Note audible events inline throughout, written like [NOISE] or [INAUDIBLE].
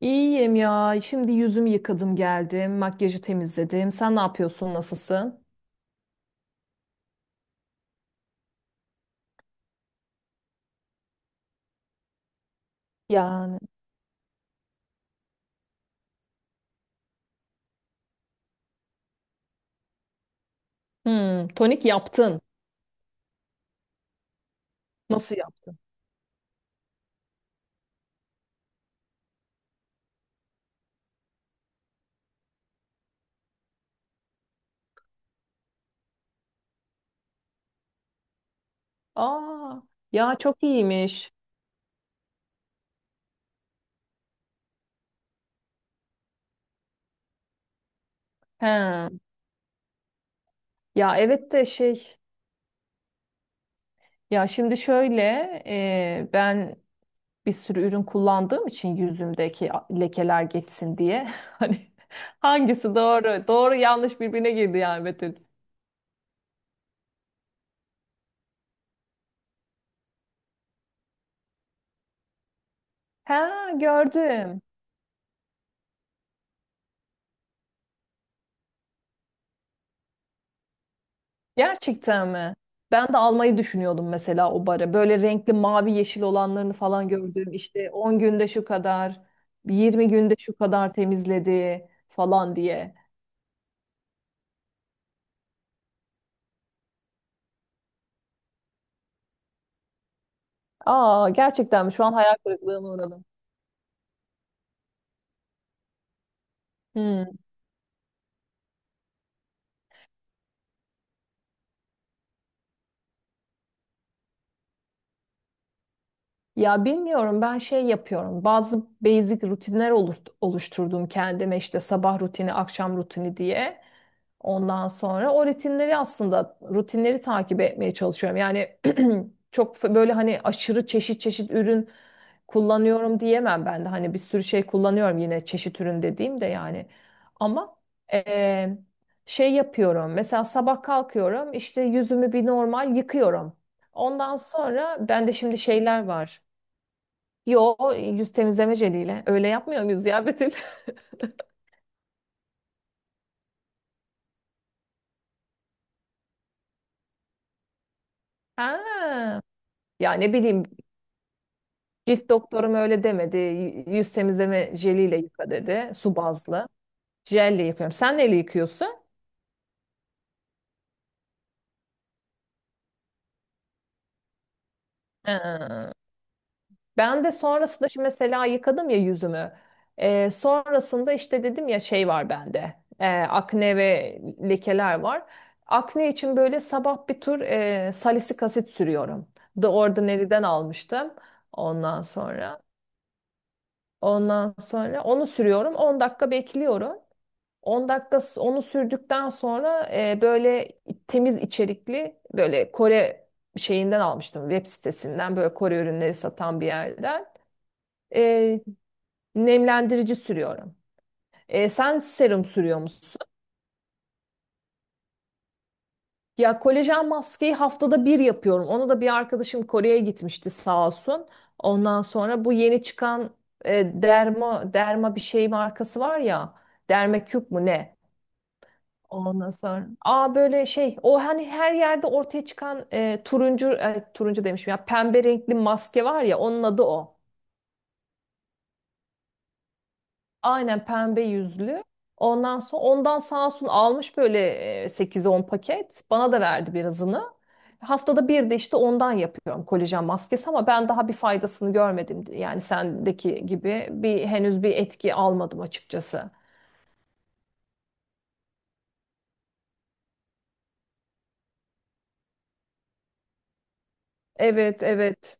İyiyim ya. Şimdi yüzümü yıkadım geldim. Makyajı temizledim. Sen ne yapıyorsun? Nasılsın? Yani. Hmm, tonik yaptın. Nasıl yaptın? Aa, ya çok iyiymiş. He. Ya evet de şey. Ya şimdi şöyle ben bir sürü ürün kullandığım için yüzümdeki lekeler geçsin diye. [LAUGHS] Hani hangisi doğru? Doğru yanlış birbirine girdi yani Betül. Ha, gördüm. Gerçekten mi? Ben de almayı düşünüyordum mesela o bara. Böyle renkli mavi yeşil olanlarını falan gördüm. İşte 10 günde şu kadar, 20 günde şu kadar temizledi falan diye. Aa, gerçekten mi? Şu an hayal kırıklığına uğradım. Hmm. Ya bilmiyorum, ben şey yapıyorum. Bazı basic rutinler oluşturdum kendime, işte sabah rutini, akşam rutini diye. Ondan sonra o rutinleri aslında rutinleri takip etmeye çalışıyorum. Yani [CLEARS THROAT] çok böyle hani aşırı çeşit çeşit ürün kullanıyorum diyemem ben de. Hani bir sürü şey kullanıyorum yine, çeşit ürün dediğim de yani. Ama eee, şey yapıyorum. Mesela sabah kalkıyorum, işte yüzümü bir normal yıkıyorum. Ondan sonra bende şimdi şeyler var. Yo, yüz temizleme jeliyle öyle yapmıyor muyuz ya Betül? [LAUGHS] Ha. Ya ne bileyim, cilt doktorum öyle demedi. Yüz temizleme jeliyle yıka dedi. Su bazlı. Jelle yıkıyorum. Sen neyle yıkıyorsun? Ha. Ben de sonrasında şimdi mesela yıkadım ya yüzümü. Sonrasında işte dedim ya, şey var bende. Akne ve lekeler var. Akne için böyle sabah bir tur salisilik asit sürüyorum. The Ordinary'den almıştım. Ondan sonra. Ondan sonra onu sürüyorum. 10 dakika bekliyorum. 10 dakika onu sürdükten sonra böyle temiz içerikli, böyle Kore şeyinden almıştım, web sitesinden, böyle Kore ürünleri satan bir yerden. E, Nemlendirici sürüyorum. Sen serum sürüyor musun? Ya kolajen maskeyi haftada bir yapıyorum. Onu da bir arkadaşım Kore'ye gitmişti, sağ olsun. Ondan sonra bu yeni çıkan derma bir şey markası var ya. Dermacube mu ne? Ondan sonra. Aa, böyle şey, o hani her yerde ortaya çıkan turuncu, turuncu demişim ya, pembe renkli maske var ya, onun adı o. Aynen, pembe yüzlü. Ondan sonra ondan sağ olsun almış böyle 8-10 paket. Bana da verdi birazını. Haftada bir de işte ondan yapıyorum kolajen maskesi, ama ben daha bir faydasını görmedim. Yani sendeki gibi henüz bir etki almadım açıkçası. Evet evet.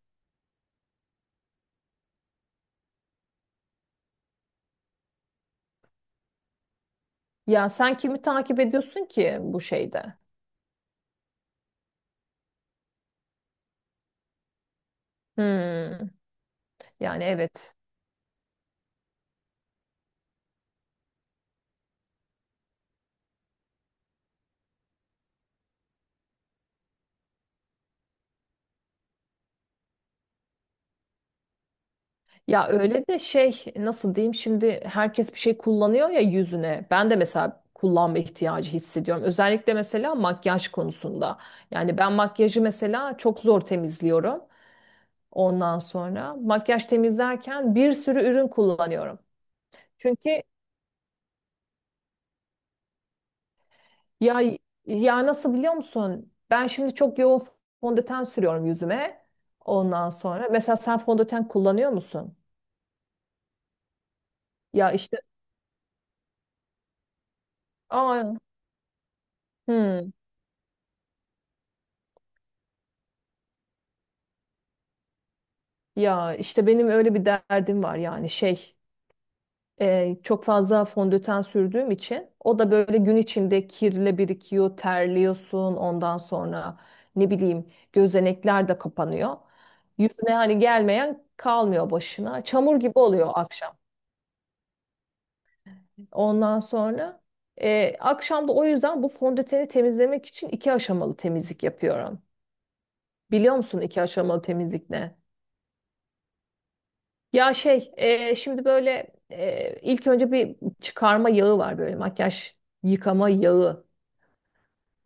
Ya sen kimi takip ediyorsun ki bu şeyde? Hmm. Yani evet. Ya öyle de şey, nasıl diyeyim, şimdi herkes bir şey kullanıyor ya yüzüne. Ben de mesela kullanma ihtiyacı hissediyorum. Özellikle mesela makyaj konusunda. Yani ben makyajı mesela çok zor temizliyorum. Ondan sonra makyaj temizlerken bir sürü ürün kullanıyorum. Çünkü ya ya nasıl biliyor musun? Ben şimdi çok yoğun fondöten sürüyorum yüzüme. Ondan sonra mesela sen fondöten kullanıyor musun? Ya işte. Aa, hmm. Ya işte benim öyle bir derdim var yani şey, çok fazla fondöten sürdüğüm için o da böyle gün içinde kirle birikiyor, terliyorsun, ondan sonra ne bileyim, gözenekler de kapanıyor. Yüzüne hani gelmeyen kalmıyor, başına çamur gibi oluyor akşam. Ondan sonra akşam da o yüzden bu fondöteni temizlemek için iki aşamalı temizlik yapıyorum. Biliyor musun iki aşamalı temizlik ne? Ya şey, şimdi böyle ilk önce bir çıkarma yağı var, böyle makyaj yıkama yağı.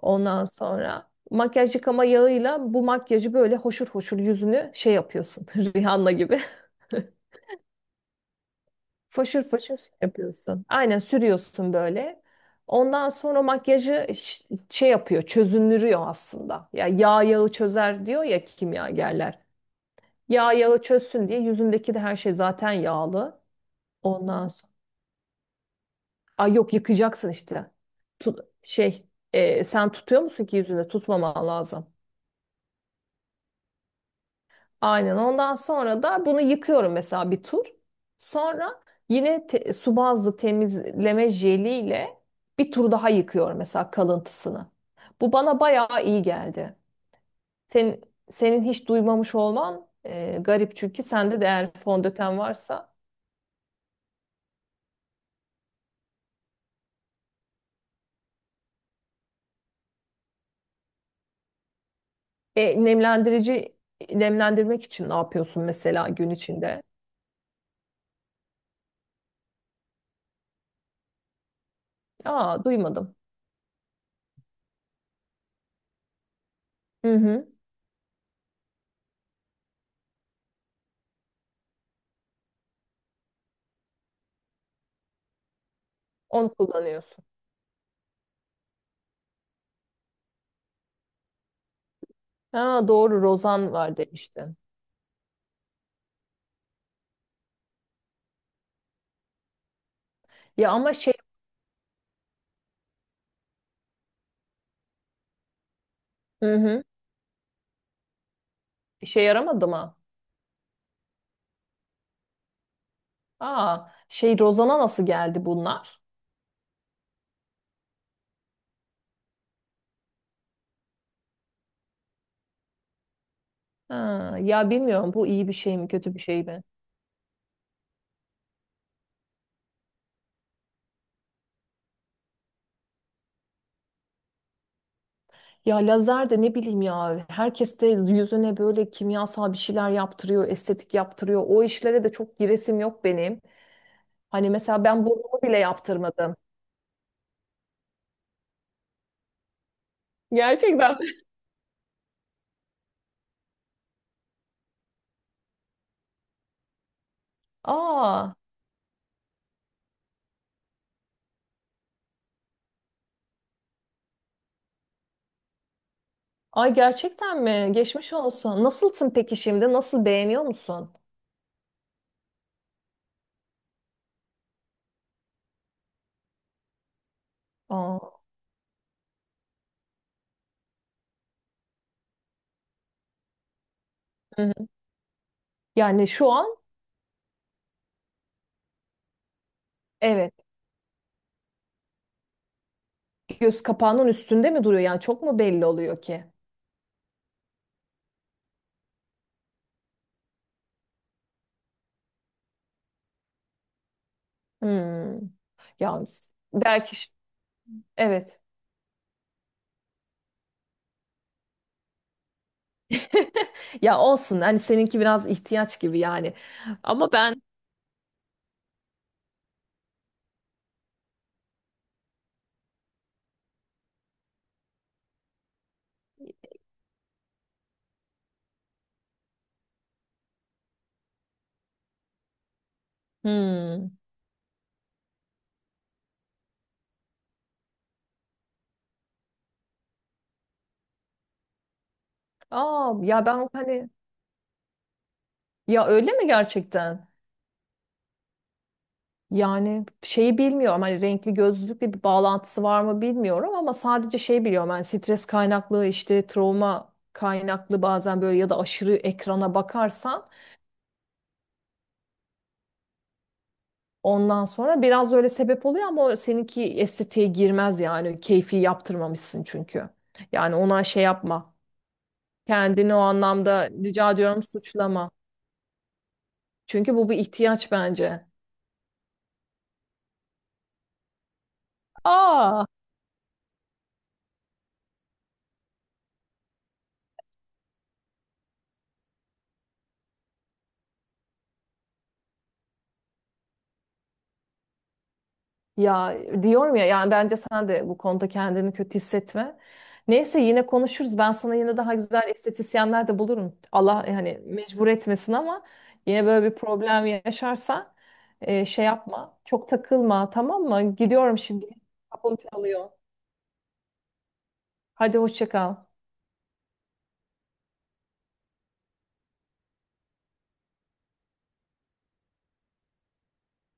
Ondan sonra makyaj yıkama yağıyla bu makyajı böyle hoşur hoşur yüzünü şey yapıyorsun. [LAUGHS] Rihanna gibi. [LAUGHS] Foşur foşur yapıyorsun. Aynen sürüyorsun böyle. Ondan sonra makyajı şey yapıyor, çözünürüyor aslında. Ya yağ yağı çözer diyor ya kimyagerler. Yağ yağı çözsün diye, yüzündeki de her şey zaten yağlı. Ondan Ay yok, yıkayacaksın işte. Şey, sen tutuyor musun ki? Yüzünde tutmaman lazım. Aynen, ondan sonra da bunu yıkıyorum mesela bir tur. Sonra yine su bazlı temizleme jeliyle bir tur daha yıkıyorum mesela, kalıntısını. Bu bana bayağı iyi geldi. Senin, hiç duymamış olman garip çünkü sende de eğer fondöten varsa. E, nemlendirici Nemlendirmek için ne yapıyorsun mesela gün içinde? Aa, duymadım. Hı hı. Onu kullanıyorsun. Ha, doğru, rozan var demiştin. Ya ama şey, hı hı. işe yaramadı mı? Aa, şey, rozana nasıl geldi bunlar? Ha, ya bilmiyorum, bu iyi bir şey mi kötü bir şey mi? Ya lazer de ne bileyim, ya herkes de yüzüne böyle kimyasal bir şeyler yaptırıyor, estetik yaptırıyor. O işlere de çok giresim yok benim. Hani mesela ben burnumu bile yaptırmadım. Gerçekten mi? Aa, ay gerçekten mi? Geçmiş olsun. Nasılsın peki şimdi? Nasıl, beğeniyor musun? Aa, hı hı. Yani şu an, evet, göz kapağının üstünde mi duruyor? Yani çok mu belli oluyor ki? Hmm. Ya belki evet. [LAUGHS] Ya olsun, hani seninki biraz ihtiyaç gibi yani. Ama ben. Hmm. Aa, ya ben hani, ya öyle mi gerçekten? Yani şeyi bilmiyorum, hani renkli gözlülükle bir bağlantısı var mı bilmiyorum, ama sadece şey biliyorum, hani stres kaynaklı, işte travma kaynaklı bazen böyle, ya da aşırı ekrana bakarsan ondan sonra biraz öyle sebep oluyor, ama o seninki estetiğe girmez yani, keyfi yaptırmamışsın çünkü. Yani ona şey yapma. Kendini o anlamda rica ediyorum suçlama. Çünkü bu bir ihtiyaç bence. Aa, ya diyorum ya yani, bence sen de bu konuda kendini kötü hissetme. Neyse, yine konuşuruz. Ben sana yine daha güzel estetisyenler de bulurum. Allah yani mecbur etmesin ama yine böyle bir problem yaşarsan şey yapma. Çok takılma, tamam mı? Gidiyorum şimdi. Kapım çalıyor. Hadi hoşça kal.